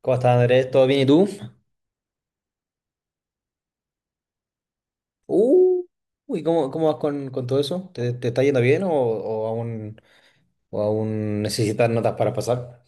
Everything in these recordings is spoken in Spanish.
¿Cómo estás, Andrés? ¿Todo bien y tú? Uh, uy, ¿cómo vas con, todo eso? ¿Te está yendo bien o aún, o aún necesitas notas para pasar?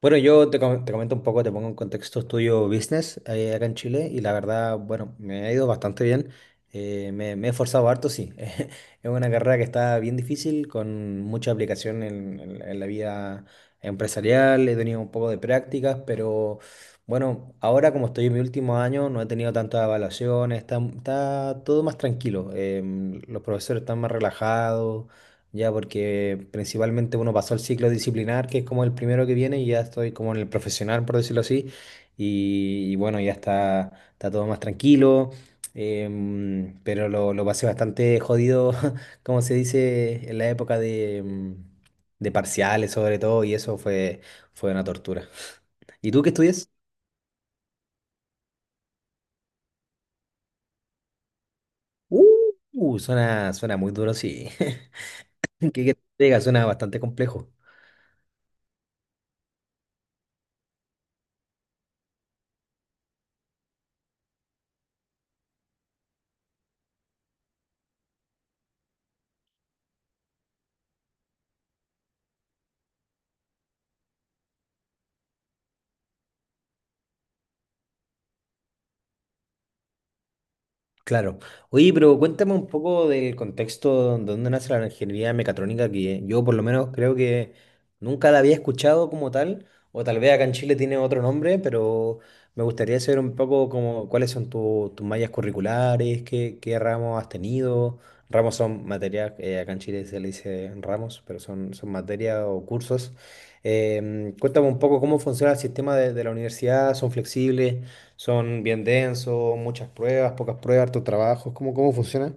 Bueno, te comento un poco, te pongo en contexto. Estudio business, acá en Chile, y la verdad, bueno, me ha ido bastante bien. Me he esforzado harto, sí. Es una carrera que está bien difícil, con mucha aplicación en la vida empresarial. He tenido un poco de prácticas, pero bueno, ahora como estoy en mi último año, no he tenido tantas evaluaciones, está todo más tranquilo. Los profesores están más relajados ya, porque principalmente uno pasó el ciclo disciplinar, que es como el primero que viene, y ya estoy como en el profesional, por decirlo así, y bueno, ya está, está todo más tranquilo. Pero lo pasé bastante jodido, como se dice, en la época de, de parciales sobre todo, y fue una tortura. ¿Y tú qué estudias? Uh, suena muy duro, sí. ¿Qué te llega? Suena bastante complejo. Claro. Oye, pero cuéntame un poco del contexto de dónde nace la ingeniería mecatrónica, que yo por lo menos creo que nunca la había escuchado como tal, o tal vez acá en Chile tiene otro nombre, pero me gustaría saber un poco como cuáles son tus mallas curriculares, qué ramos has tenido. Ramos son materias, acá en Chile se le dice ramos, pero son, son materias o cursos. Cuéntame un poco cómo funciona el sistema de la universidad. ¿Son flexibles? Son bien densos, muchas pruebas, pocas pruebas, harto trabajo. ¿Cómo funciona?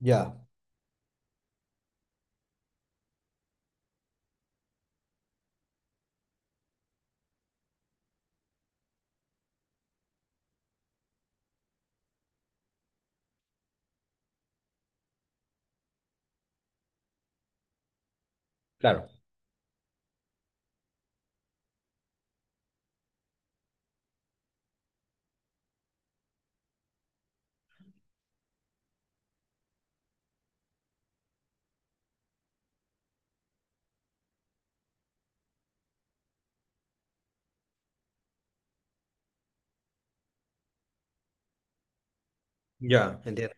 Ya. Claro, ya, entiendo.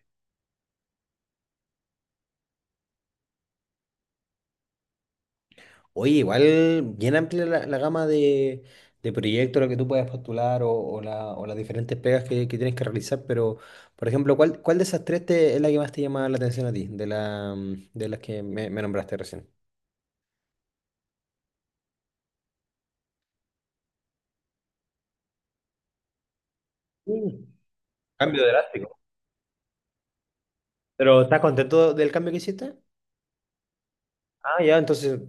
Oye, igual bien amplia la gama de proyectos a los que tú puedes postular, o las diferentes pegas que tienes que realizar, pero, por ejemplo, ¿cuál de esas tres es la que más te llama la atención a ti, de las que me nombraste recién? Mm. Cambio drástico. ¿Pero estás contento del cambio que hiciste? Ah, ya, entonces,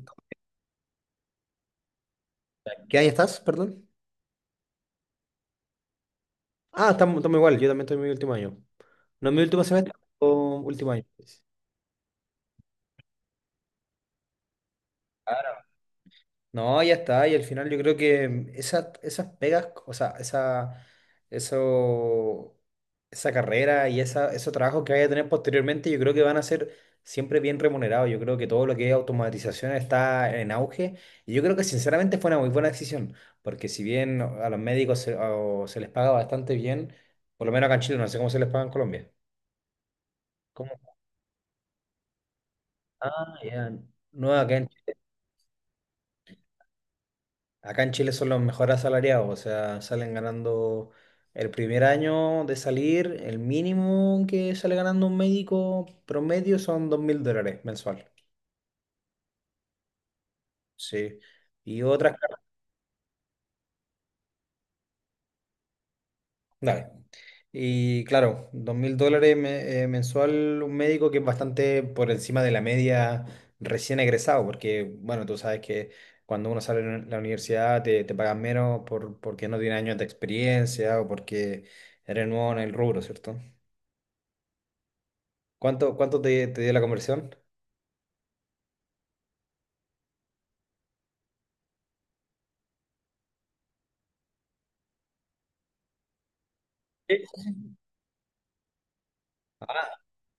¿qué año estás, perdón? Ah, estamos igual, yo también estoy en mi último año. No, en mi último semestre, o último año, pues. Claro. No, ya está, y al final yo creo que esas pegas, o sea, eso, esa carrera y esos trabajos que vaya a tener posteriormente, yo creo que van a ser siempre bien remunerados. Yo creo que todo lo que es automatización está en auge, y yo creo que sinceramente fue una muy buena decisión, porque si bien a los médicos se les paga bastante bien, por lo menos acá en Chile. No sé cómo se les paga en Colombia. Ah, ya. No, acá en Chile son los mejores asalariados, o sea, salen ganando el primer año de salir, el mínimo que sale ganando un médico promedio son dos mil dólares mensual. Sí. Y otras, dale. Y claro, dos mil dólares mensual un médico, que es bastante por encima de la media recién egresado, porque bueno, tú sabes que cuando uno sale de la universidad te, te pagan menos por, porque no tiene años de experiencia o porque eres nuevo en el rubro, ¿cierto? ¿Cuánto te, te dio la conversión?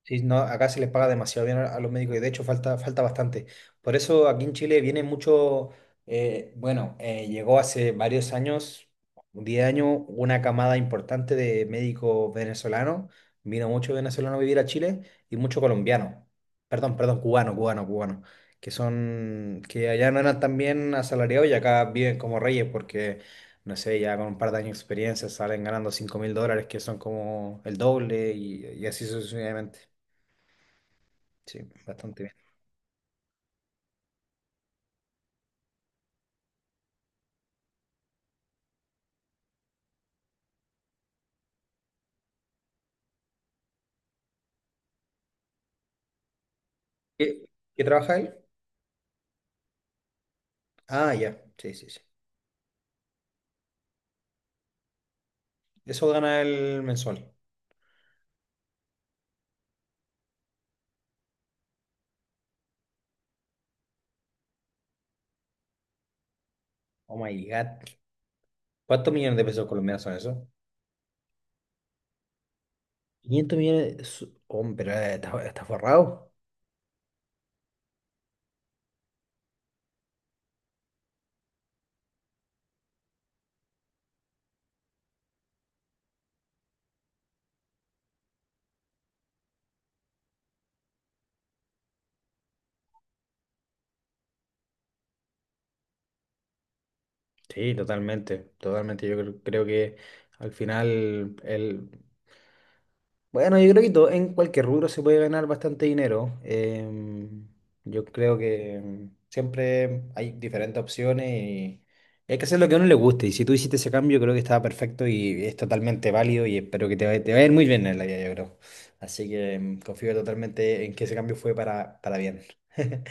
Sí, no, acá se les paga demasiado bien a los médicos y de hecho falta, falta bastante. Por eso aquí en Chile viene mucho, bueno, llegó hace varios años, 10 años, una camada importante de médicos venezolanos. Vino mucho venezolano a vivir a Chile y mucho colombiano. Perdón, perdón, cubano, cubano, cubano. Que son, que allá no eran tan bien asalariados y acá viven como reyes porque, no sé, ya con un par de años de experiencia salen ganando 5 mil dólares, que son como el doble, y así sucesivamente. Sí, bastante bien. ¿Qué, qué trabaja él? Ah, ya. Sí, sí, sí. Eso gana el mensual. Oh my God. ¿Cuántos millones de pesos colombianos son eso? Quinientos millones. De su- Hombre, está, está forrado. Sí, totalmente. Totalmente. Yo creo que al final él... Bueno, yo creo que todo, en cualquier rubro se puede ganar bastante dinero. Yo creo que, siempre hay diferentes opciones, y hay que hacer lo que a uno le guste. Y si tú hiciste ese cambio, creo que estaba perfecto y es totalmente válido, y espero que te vaya a ir muy bien en la vida, yo creo. Así que, confío totalmente en que ese cambio fue para bien.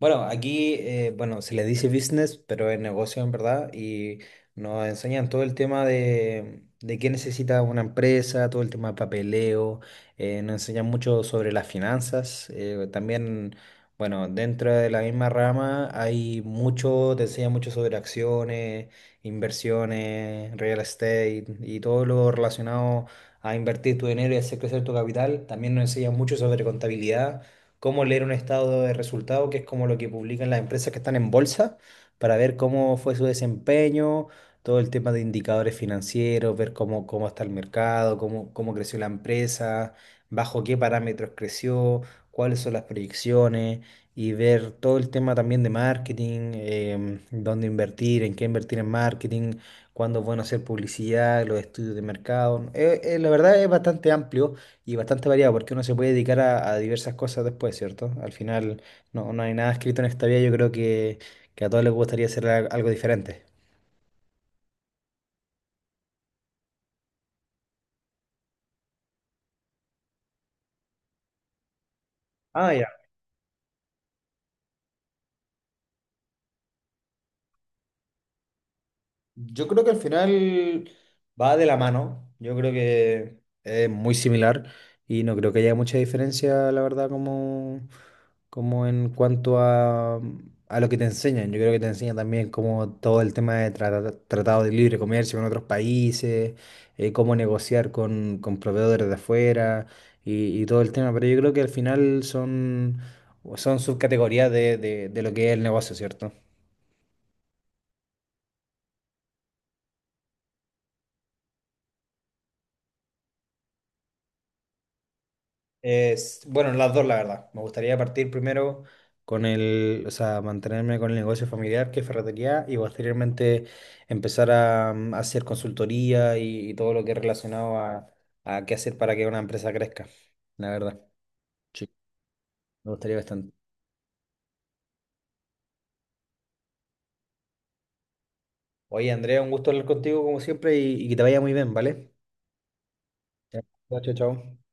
Bueno, aquí, bueno, se le dice business, pero es negocio en verdad. Y nos enseñan todo el tema de qué necesita una empresa, todo el tema de papeleo, nos enseñan mucho sobre las finanzas, también, bueno, dentro de la misma rama hay mucho, te enseñan mucho sobre acciones, inversiones, real estate y todo lo relacionado a invertir tu dinero y hacer crecer tu capital. También nos enseñan mucho sobre contabilidad, cómo leer un estado de resultado, que es como lo que publican las empresas que están en bolsa, para ver cómo fue su desempeño, todo el tema de indicadores financieros, ver cómo está el mercado, cómo creció la empresa, bajo qué parámetros creció, cuáles son las proyecciones, y ver todo el tema también de marketing, dónde invertir, en qué invertir en marketing, cuándo es bueno hacer publicidad, los estudios de mercado. La verdad es bastante amplio y bastante variado, porque uno se puede dedicar a diversas cosas después, ¿cierto? Al final no hay nada escrito en esta vida. Yo creo que a todos les gustaría hacer algo diferente. Ah, ya. Yo creo que al final va de la mano. Yo creo que es muy similar y no creo que haya mucha diferencia, la verdad, como en cuanto a lo que te enseñan. Yo creo que te enseñan también como todo el tema de tratado de libre comercio con otros países, cómo negociar con proveedores de afuera, y todo el tema. Pero yo creo que al final son subcategorías de, de lo que es el negocio, ¿cierto? Es, bueno, las dos, la verdad. Me gustaría partir primero con el, o sea, mantenerme con el negocio familiar, que es ferretería, y posteriormente empezar a, hacer consultoría, y todo lo que es relacionado a qué hacer para que una empresa crezca. La verdad, sí, me gustaría bastante. Oye, Andrea, un gusto hablar contigo como siempre, y que te vaya muy bien, ¿vale? Ya. Chao, chao, chao.